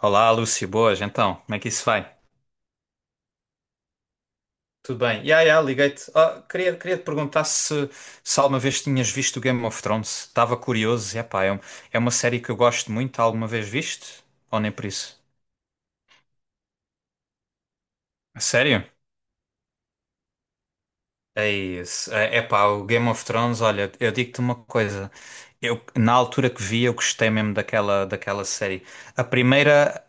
Olá, Lúcio, boas, então, como é que isso vai? Tudo bem? Ya, ya, liguei-te. Ah, queria te perguntar se alguma vez tinhas visto o Game of Thrones. Estava curioso, epá, é uma série que eu gosto muito. Alguma vez viste? Ou nem por isso? A sério? É isso. É, epá, o Game of Thrones, olha, eu digo-te uma coisa. Eu, na altura que vi, eu gostei mesmo daquela série. A primeira.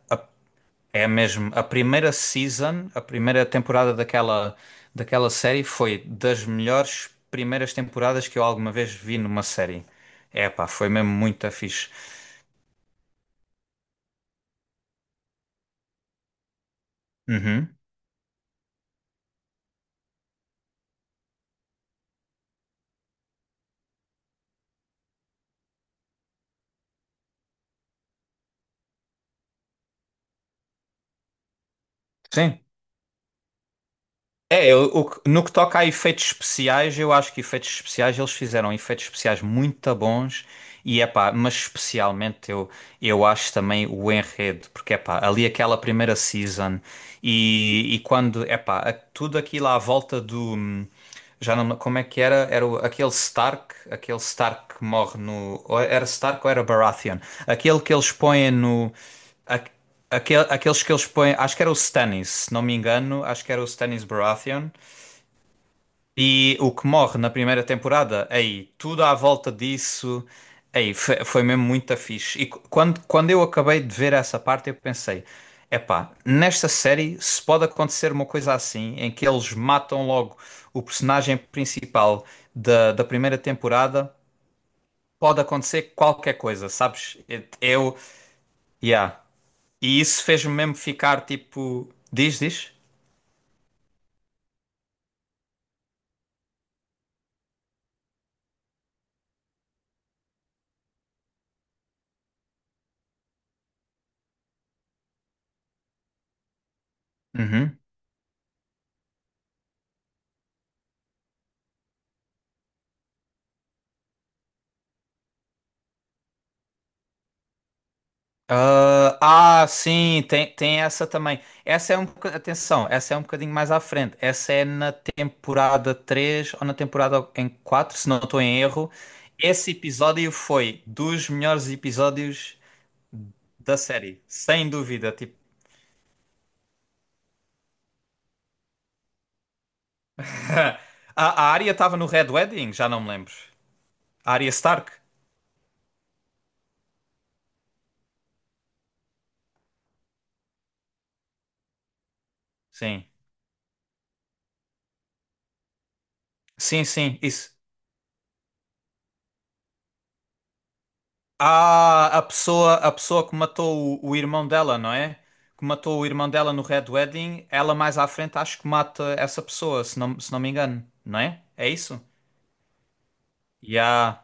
É mesmo, a primeira season, a primeira temporada daquela série foi das melhores primeiras temporadas que eu alguma vez vi numa série. É pá, foi mesmo muito fixe. Uhum. Sim. É, no que toca a efeitos especiais, eu acho que efeitos especiais eles fizeram efeitos especiais muito bons e é pá, mas especialmente eu acho também o enredo, porque epá, ali aquela primeira season e quando epá, tudo aquilo à volta do já não como é que era? Aquele Stark que morre no ou era Stark ou era Baratheon? Aquele que eles põem no aque- aqueles que eles põem, acho que era o Stannis, se não me engano, acho que era o Stannis Baratheon. E o que morre na primeira temporada, aí, tudo à volta disso, aí, foi mesmo muito fixe. E quando eu acabei de ver essa parte, eu pensei, epá, nesta série se pode acontecer uma coisa assim, em que eles matam logo o personagem principal da primeira temporada, pode acontecer qualquer coisa, sabes? Eu, yeah. E isso fez-me mesmo ficar tipo, diz, diz? Uhum. Ah, ah, sim, tem essa também. Essa é um bocadinho, atenção, essa é um bocadinho mais à frente. Essa é na temporada 3 ou na temporada em 4, se não estou em erro. Esse episódio foi dos melhores episódios da série, sem dúvida. Tipo, a, a Arya estava no Red Wedding, já não me lembro. A Arya Stark? Sim. Sim, sim, isso. Ah, a pessoa que matou o irmão dela, não é? Que matou o irmão dela no Red Wedding, ela mais à frente acho que mata essa pessoa, se não me engano, não é? É isso? Yeah.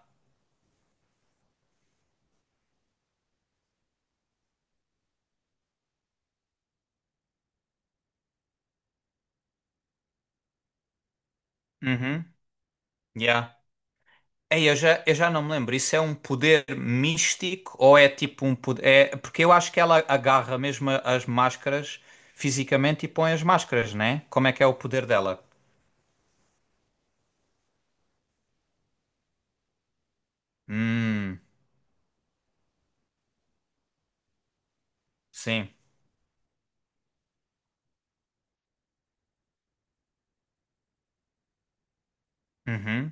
Uhum. Yeah. Ei, eu já não me lembro. Isso é um poder místico ou é tipo um poder. É, porque eu acho que ela agarra mesmo as máscaras fisicamente e põe as máscaras, não é? Como é que é o poder dela? Hum, sim. Uhum.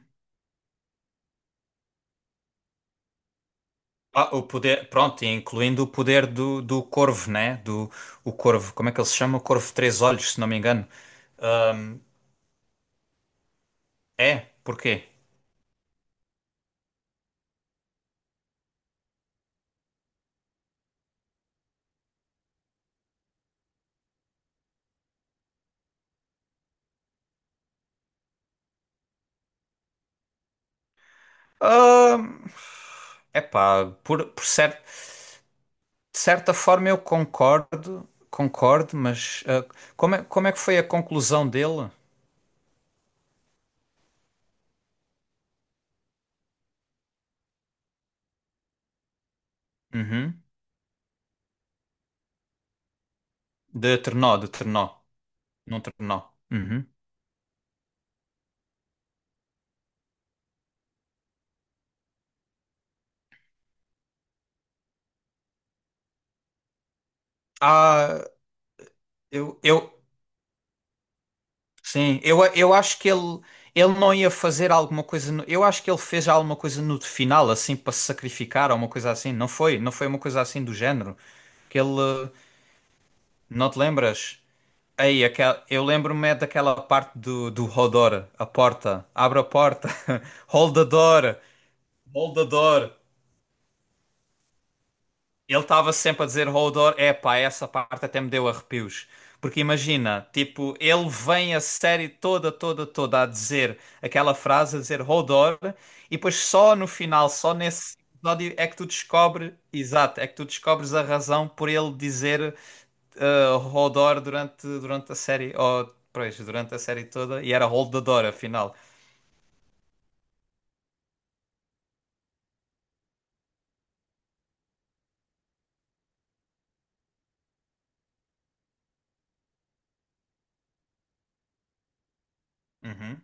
Ah, o poder, pronto, e incluindo o poder do corvo, né? O corvo, como é que ele se chama? O corvo de três olhos, se não me engano. Ahm, é, porquê? É epá, de certa forma eu concordo, concordo, mas ah, como é que foi a conclusão dele? Uhum. De Trenó, num Trenó. Uhum. Ah, eu, eu, Sim, eu acho que ele não ia fazer alguma coisa. Eu acho que ele fez alguma coisa no final, assim, para se sacrificar ou uma coisa assim. Não foi? Não foi uma coisa assim do género? Que ele. Não te lembras? Aí, eu lembro-me é daquela parte do Hodor, a porta. Abre a porta. Hold the door. Hold the door. Ele estava sempre a dizer Hodor, epá, essa parte até me deu arrepios. Porque imagina, tipo, ele vem a série toda, toda, toda a dizer aquela frase, a dizer Hodor, e depois só no final, só nesse episódio é que tu descobres, exato, é que tu descobres a razão por ele dizer Hodor durante a série, ou, pois, durante a série toda, e era Holdador, afinal. Uhum,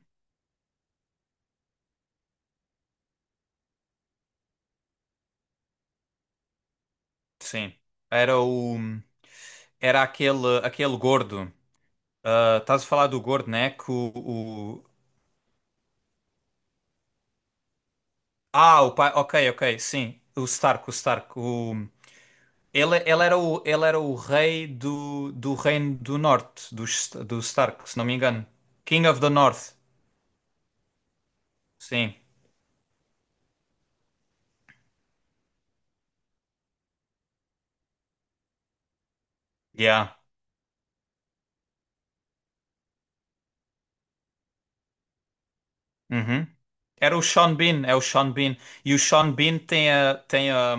sim. Era o. Era aquele gordo. Ah, estás a falar do gordo, né? O- Ah, o pai. Ok, ok, sim. O Stark, o Stark. Ele era o rei do Reino do Norte, do Stark, se não me engano. King of the North. Sim. Yeah. Uhum. Era o Sean Bean, é o Sean Bean. E o Sean Bean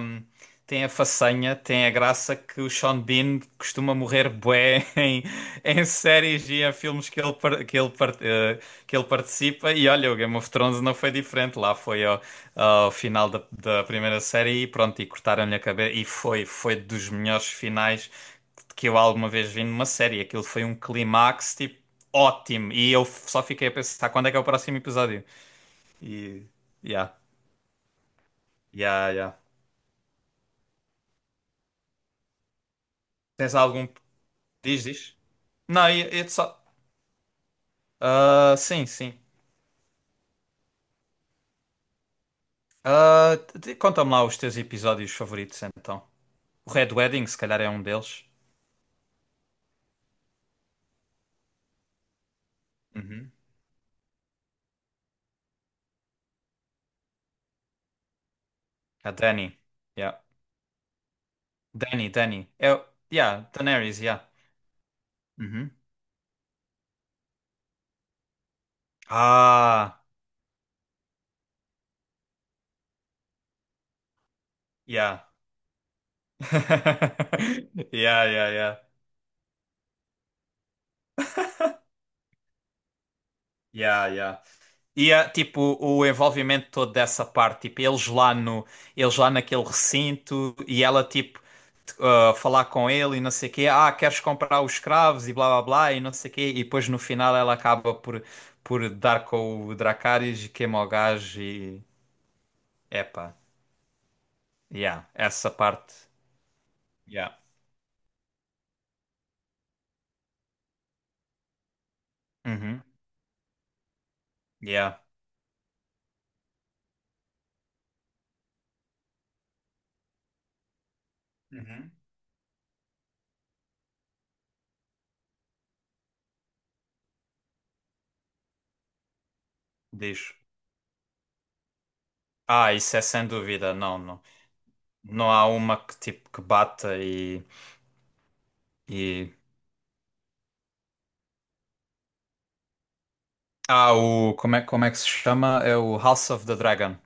tem a façanha, tem a graça que o Sean Bean costuma morrer bué em séries e em filmes que ele participa. E olha, o Game of Thrones não foi diferente. Lá foi ao final da primeira série e pronto, e cortaram-lhe a cabeça. E foi dos melhores finais que eu alguma vez vi numa série. Aquilo foi um clímax, tipo, ótimo. E eu só fiquei a pensar, quando é que é o próximo episódio? E. Yeah. Yeah, yeah. Tens algum. Diz, diz. Não, e só. Ah, sim, sim. Ah, conta-me lá os teus episódios favoritos então. O Red Wedding, se calhar, é um deles. Uhum. A Dani. Yeah. Dani, Dani. Yeah, Daenerys, yeah. Uhum. Ah, yeah. Yeah, yeah, yeah. Yeah, yeah. E ah, tipo o envolvimento todo dessa parte, tipo eles lá no, eles lá naquele recinto e ela tipo ah, falar com ele e não sei o quê, ah, queres comprar os escravos e blá blá blá e não sei o quê, e depois no final ela acaba por dar com o Dracarys e queima o gajo e epá, yeah, essa parte. Yeah. Uhum. Yeah. Uhum. Diz. Ah, isso é sem dúvida, não, não. Não há uma que tipo que bata e Ah, como é que se chama? É o House of the Dragon.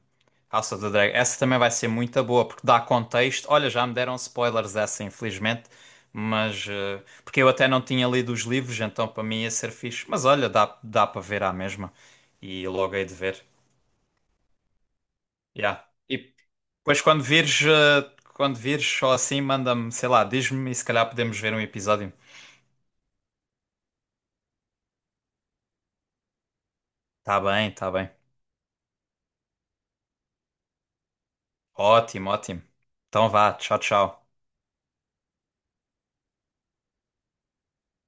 House of the Dragon. Essa também vai ser muito boa, porque dá contexto. Olha, já me deram spoilers dessa, infelizmente, mas porque eu até não tinha lido os livros, então para mim ia ser fixe. Mas olha, dá para ver à mesma. E logo hei de ver. Yeah. E depois quando vires só assim, manda-me, sei lá, diz-me e se calhar podemos ver um episódio. Tá bem, tá bem. Ótimo, ótimo. Então vá, tchau, tchau.